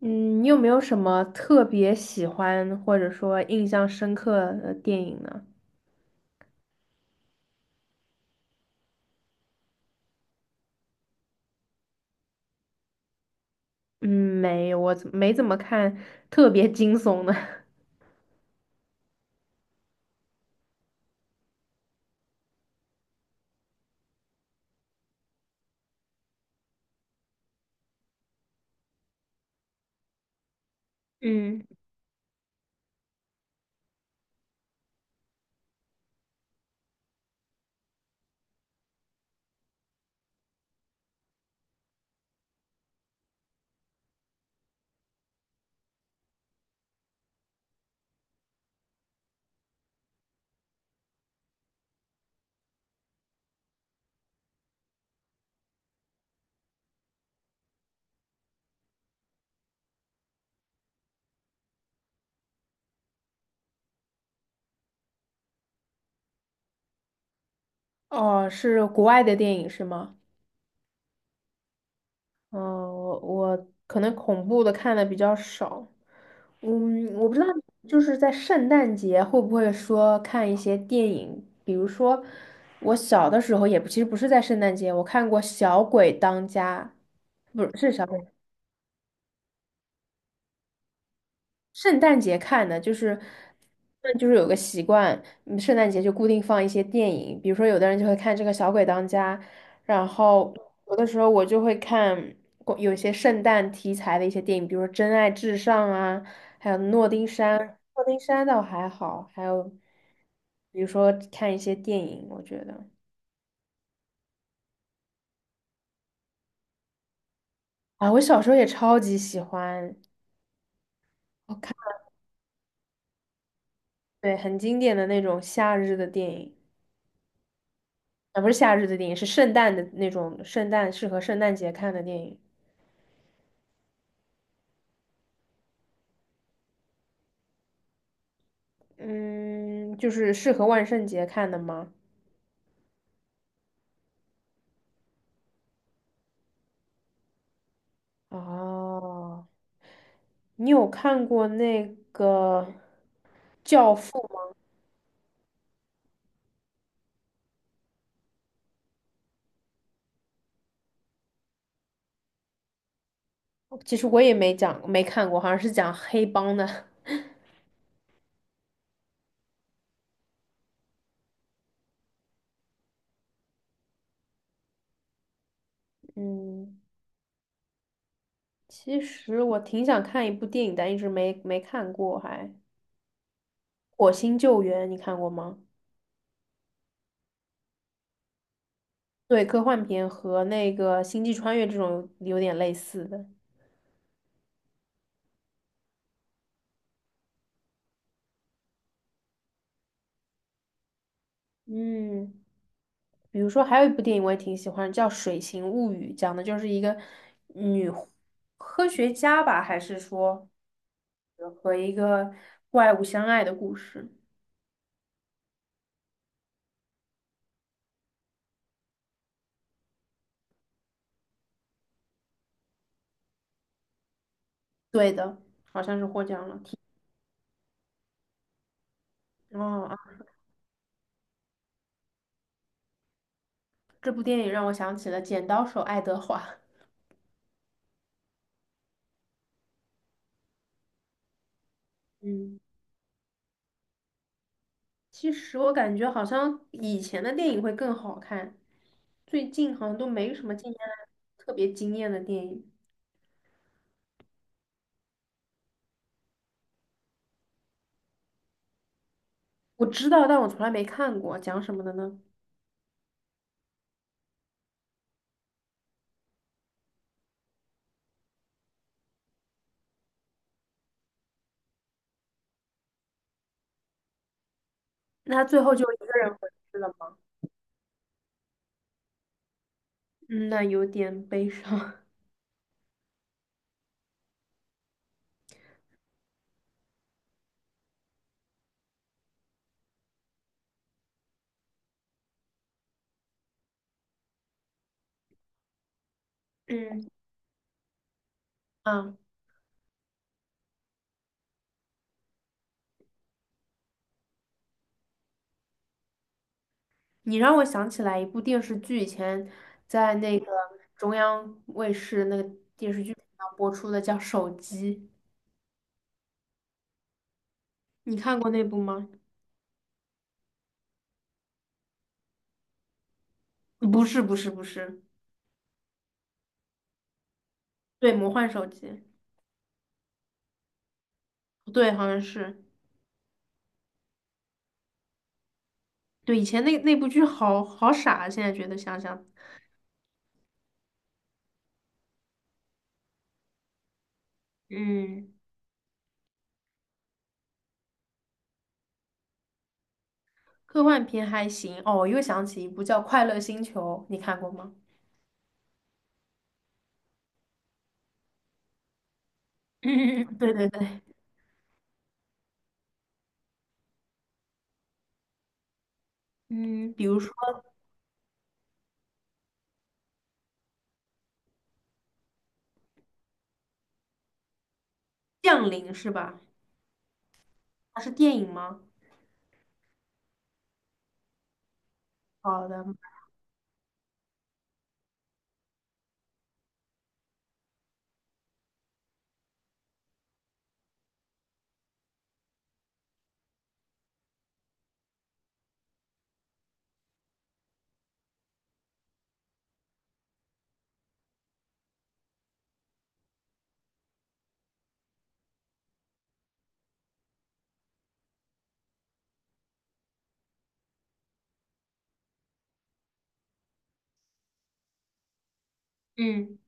嗯，你有没有什么特别喜欢或者说印象深刻的电影呢？嗯，没，有，我怎么看特别惊悚的。嗯，哦，是国外的电影是吗？哦，我可能恐怖的看的比较少。嗯，我不知道，就是在圣诞节会不会说看一些电影，比如说我小的时候也不，其实不是在圣诞节，我看过《小鬼当家》，不是，是小鬼。圣诞节看的，就是那就是有个习惯，嗯圣诞节就固定放一些电影，比如说有的人就会看这个《小鬼当家》，然后有的时候我就会看过有一些圣诞题材的一些电影，比如说《真爱至上》啊，还有《诺丁山》，《诺丁山》倒还好，还有比如说看一些电影，我觉得啊，我小时候也超级喜欢，我看，对，很经典的那种夏日的电影。啊，不是夏日的电影，是圣诞的那种，圣诞适合圣诞节看的电影。嗯，就是适合万圣节看的吗？哦，你有看过那个《教父》吗？其实我也没讲，没看过，好像是讲黑帮的。嗯，其实我挺想看一部电影，但一直没看过还，火星救援》你看过吗？对，科幻片和那个《星际穿越》这种有点类似的。嗯。比如说，还有一部电影我也挺喜欢，叫《水形物语》，讲的就是一个女科学家吧，还是说和一个怪物相爱的故事。对的，好像是获奖了。挺哦啊，这部电影让我想起了《剪刀手爱德华》。嗯，其实我感觉好像以前的电影会更好看，最近好像都没什么惊艳，特别惊艳的电影。我知道，但我从来没看过，讲什么的呢？那他最后就一个人回去了吗？嗯，那有点悲伤。嗯啊，你让我想起来一部电视剧，以前在那个中央卫视那个电视剧频道播出的，叫《手机》，你看过那部吗？不是，不是，不是，对，《魔幻手机》，对，好像是，对，以前那部剧好好傻，现在觉得想想，嗯，科幻片还行。哦，我又想起一部叫《快乐星球》，你看过吗？对对对，嗯，比如说《降临》是吧？它是电影吗？好的。嗯，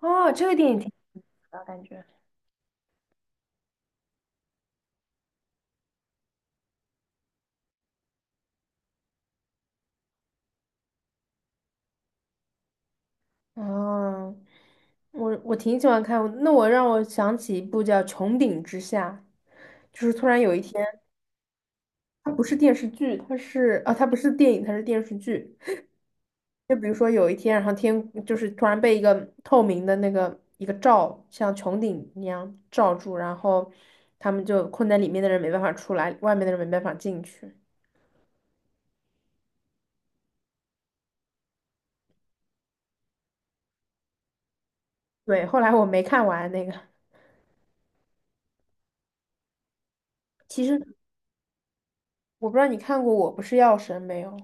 哦，这个电影挺好的感觉。哦，我挺喜欢看，那我让我想起一部叫《穹顶之下》，就是突然有一天，它不是电视剧，它是啊，它不是电影，它是电视剧。就比如说有一天，然后天就是突然被一个透明的那个一个罩，像穹顶一样罩住，然后他们就困在里面的人没办法出来，外面的人没办法进去。对，后来我没看完那个。其实。我不知道你看过《我不是药神》没有？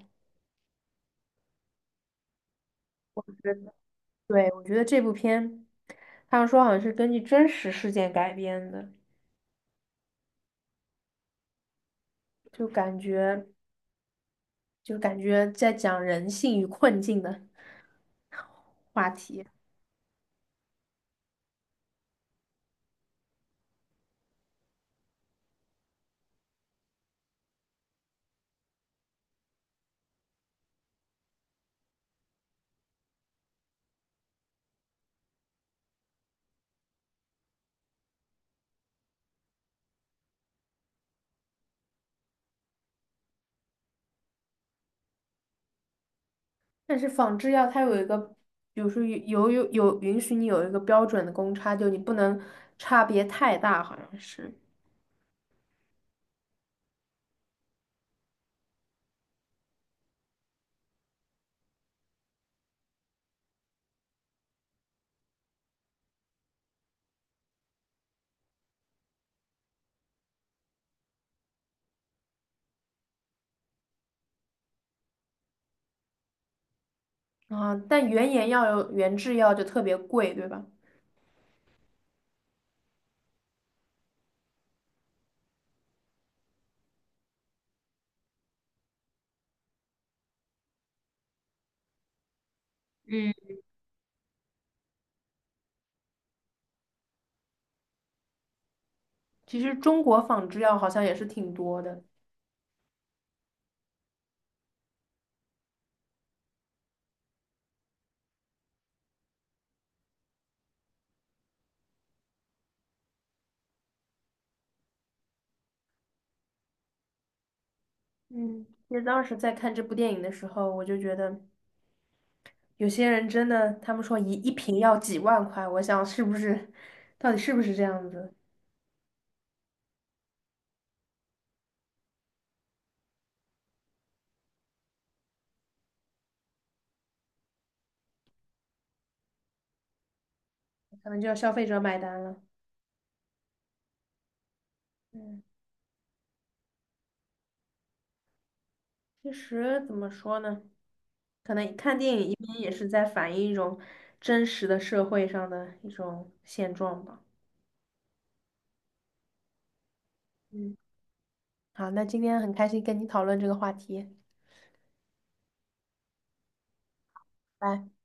我觉得，对，我觉得这部片，他们说好像是根据真实事件改编的，就感觉就感觉在讲人性与困境的题。但是仿制药它有一个，比如说有允许你有一个标准的公差，就你不能差别太大，好像是啊。但原研药有原制药就特别贵，对吧？嗯，其实中国仿制药好像也是挺多的。嗯，其实当时在看这部电影的时候，我就觉得有些人真的，他们说一瓶要几万块，我想是不是，到底是不是这样子？可能就要消费者买单了。嗯，其实怎么说呢？可能看电影一边也是在反映一种真实的社会上的一种现状吧。嗯，好，那今天很开心跟你讨论这个话题。拜。